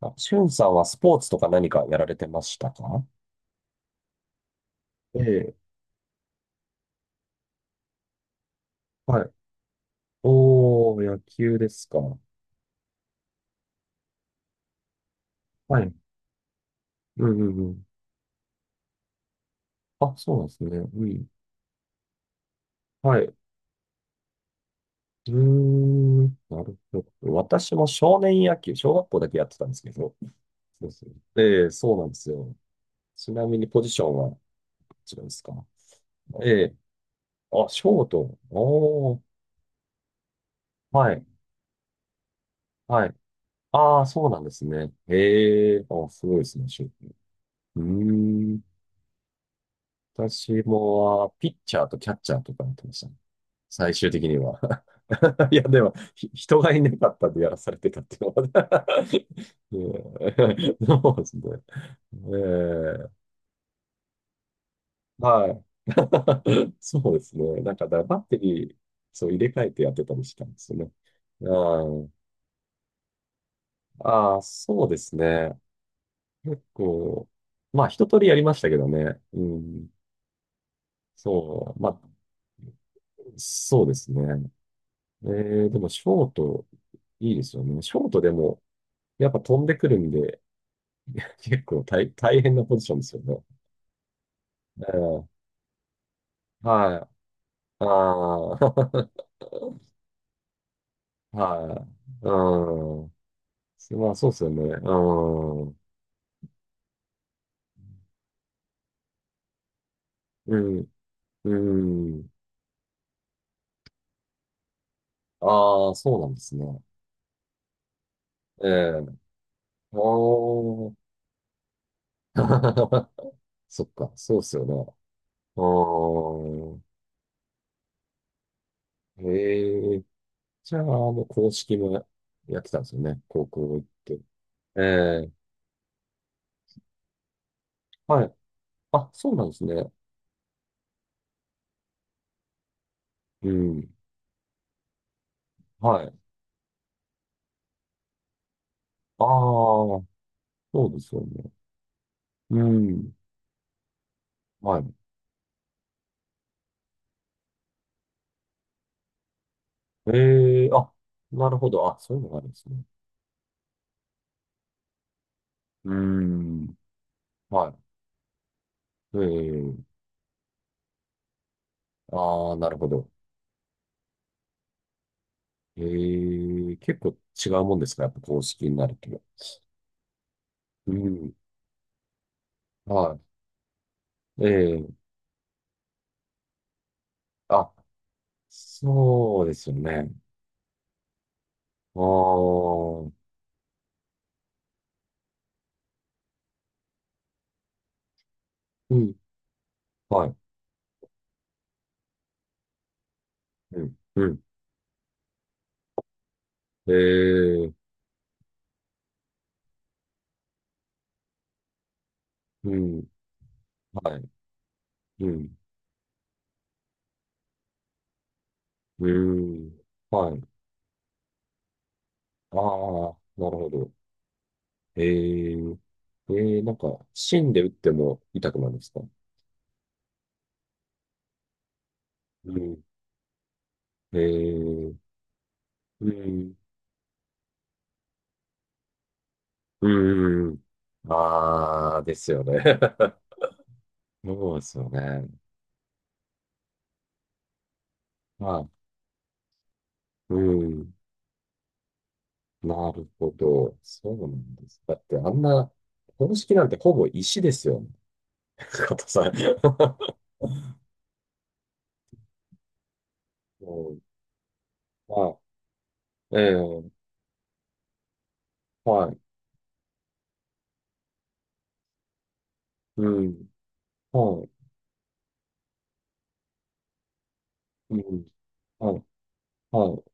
あ、しゅんさんはスポーツとか何かやられてましたか？ええ、はい、おー、野球ですか。はい、うんうんうん。あ、そうなんですね。うん。はい。うーん、なるほど。私も少年野球、小学校だけやってたんですけど。そうそう。ええ、そうなんですよ。ちなみにポジションは、こちらですか？ええ。あ、ショート。おー。はい。はい。ああ、そうなんですね。へえ。あ、すごいですね、ショート。うーん。私も、はピッチャーとキャッチャーとかやってましたね。最終的には。いや、でも、人がいなかったんでやらされてたっていうのは。 うん、そうですね。ええ、はい。そうですね。なんか、だからバッテリー、そう入れ替えてやってたりしたんですよね。うん、ああ、そうですね。結構、まあ、一通りやりましたけどね。うん、そう、まあ、そうですね。でも、ショート、いいですよね。ショートでも、やっぱ飛んでくるんで、結構大変なポジションですよね。うん、はい。ああ、はい。うん。まあ、そうですよね。うん。うん。うん。ああ、そうなんですね。ええ。おー。そっか、そうですよね。うん。へえ。じゃあ、もう公式もやってたんですよね、高校行って。ええ。はい。あ、そうなんですね。うん。はい。ああ、そうですよね。うん。はい。ええ、あ、なるほど。あ、そういうのがあるんですね。うん。はい。ええ、ああ、なるほど。ええ、結構違うもんですか、やっぱ公式になると？うん。はい。ええ、あ、そうですよね。ああ、うん。はい。うん。うん。ええ、うん。はい。うん。うん。はい。ああ、なるほど。えー、えなんか、芯で打っても痛くなるんですか？うん。えー、うん、うん。ああ、ですよね。そうですよね。まあ、うん。なるほど。そうなんです。だって、あんな、公式なんてほぼ石ですよね。硬さ。うん。まあ、ええ、はい。うん。はい。うん。はい。はい。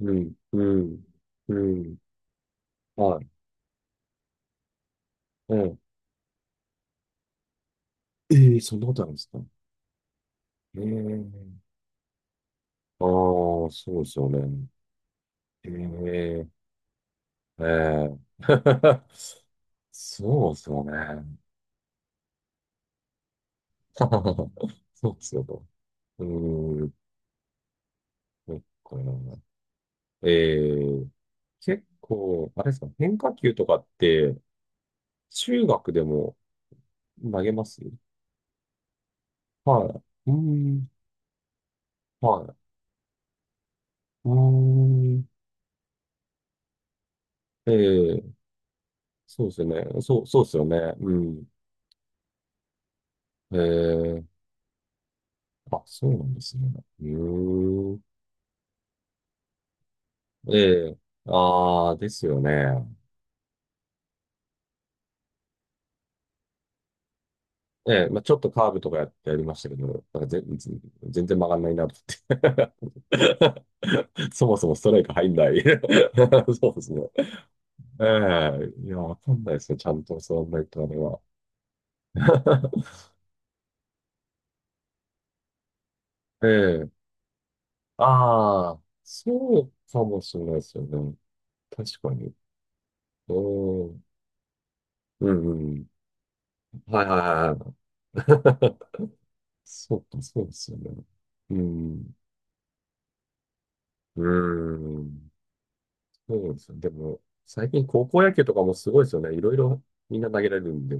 うん。うん。うん。はい。ええ、ええ、そんなことあるんですか？ええ、ああー、そうですよね。ええ、ええ、 そうですよね。そうですよと。うーん、そっか。ええ、結構、あれですか、変化球とかって、中学でも投げます？はい。うーん、はい。うーん、ええ、そうですよね。そう、そうですよね。うん。ええ、あ、そうなんですね。うーん。ええ。ああ、ですよね。ええ、まあ、ちょっとカーブとかやりましたけど、なんか全然曲がんないなと思って。そもそもストライク入んない。 そうですね。ええ、いや、わかんないですね。ちゃんと座んないとあれは。ええ、ああ、そうかもしれないですよね。確かに。うん。うんうん。はいはいはい、はい。そうか、そうですよね。うん。うん。そうですよね。でも、最近高校野球とかもすごいですよね。いろいろみんな投げられるんで、い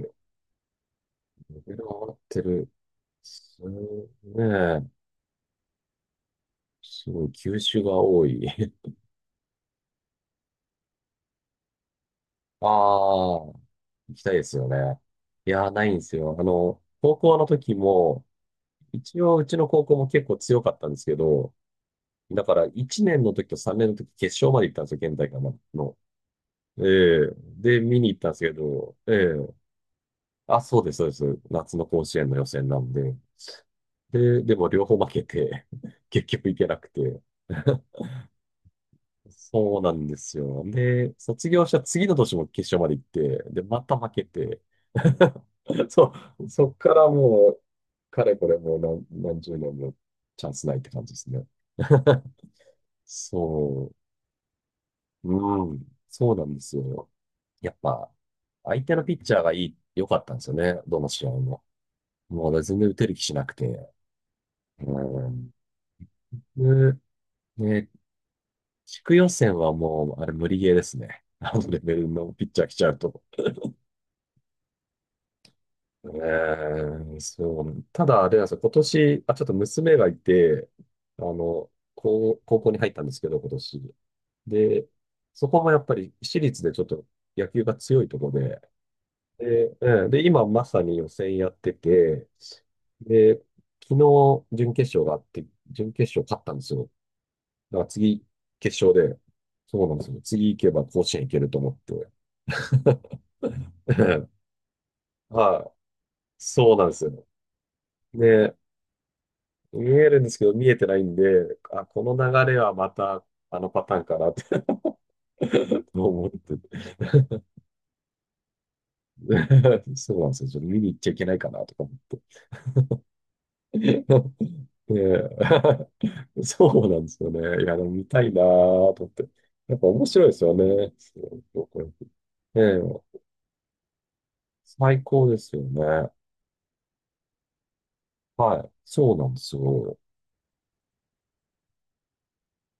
ろいろ上がってる。そう、ねえ。すごい、球種が多い。ああ、行きたいですよね。いやー、ないんですよ。あの、高校の時も、一応うちの高校も結構強かったんですけど、だから1年の時と3年の時決勝まで行ったんですよ、県大会の。ええ、で、見に行ったんですけど、ええ、あ、そうです、そうです。夏の甲子園の予選なんで。でも両方負けて、 結局行けなくて。そうなんですよ。で、卒業した次の年も決勝まで行って、で、また負けて、そう、そっからもう、かれこれもう何十年もチャンスないって感じですね。そう、うん、そうなんですよ。やっぱ、相手のピッチャーが良かったんですよね、どの試合も。もう全然打てる気しなくて。うん。で、ね、地区予選はもう、あれ無理ゲーですね。あのレベルのピッチャー来ちゃうと。えー、そう。ただ、あれなんですよ。今年、あ、ちょっと娘がいて、あの、高校に入ったんですけど、今年。で、そこもやっぱり私立でちょっと野球が強いところで、で、うん、で、今まさに予選やってて、で、昨日準決勝があって、準決勝勝ったんですよ。だから次、決勝で、そうなんですよ。次行けば甲子園行けると思って。はい。そうなんですよ。で、見えるんですけど、見えてないんで、あ、この流れはまた、あのパターンかなって、 思って。そうなんですよ。ちょっと見に行っちゃいけないかなとか思って。で、 そうなんですよね。いや、でも見たいなと思って。やっぱ面白いですよね。そうそう、これ、ええ、最高ですよね。はい。そうなんですよ。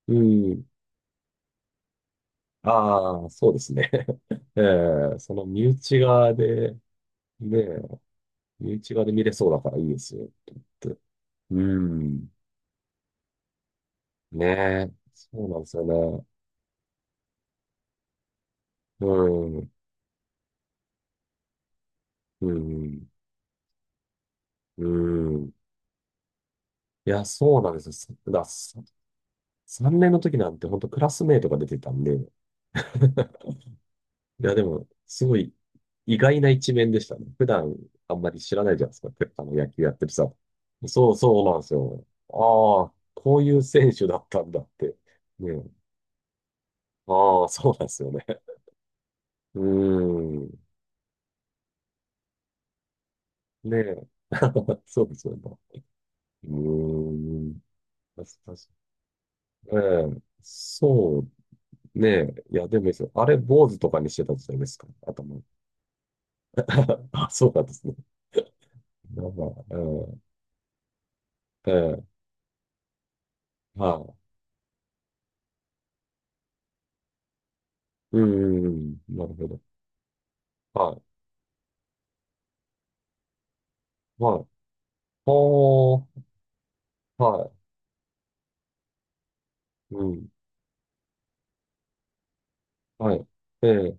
うん。ああ、そうですね。ええ、その身内側で、ねえ、身側で見れそうだからいいですよ、と思って。うん。ねえ。そうなんですよね。うん。うん。うん。いや、そうなんですよ。さだ、さ3年の時なんて本当クラスメイトが出てたんで。いや、でも、すごい意外な一面でしたね。普段あんまり知らないじゃないですか、あの野球やってるさ。そう、そうなんですよ。ああ、こういう選手だったんだって。ねえ。ああ、そうなんですよね。うーん。ねえ。そうですよね。うーん。確かに。ええ。そう、ねえ。いや、でもいいですよ。あれ、坊主とかにしてたじゃないですか、頭。あ、そうなんですね。やばい。ええ。ええ。はい。うん、うん。うん、なるほど。はい。はい。ほー。はい。うん。はい。ええ。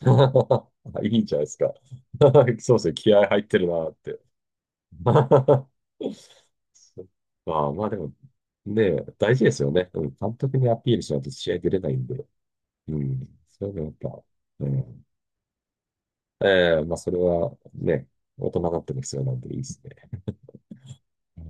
あ、いいんじゃないですか。そうですね。気合入ってるなーって。そっか。まあでも、ねえ、大事ですよね。うん、監督にアピールしないと試合出れないんで。うん。それでやっぱ、うん。ええ、まあ、それはね、大人になっても必要なんでいいですね。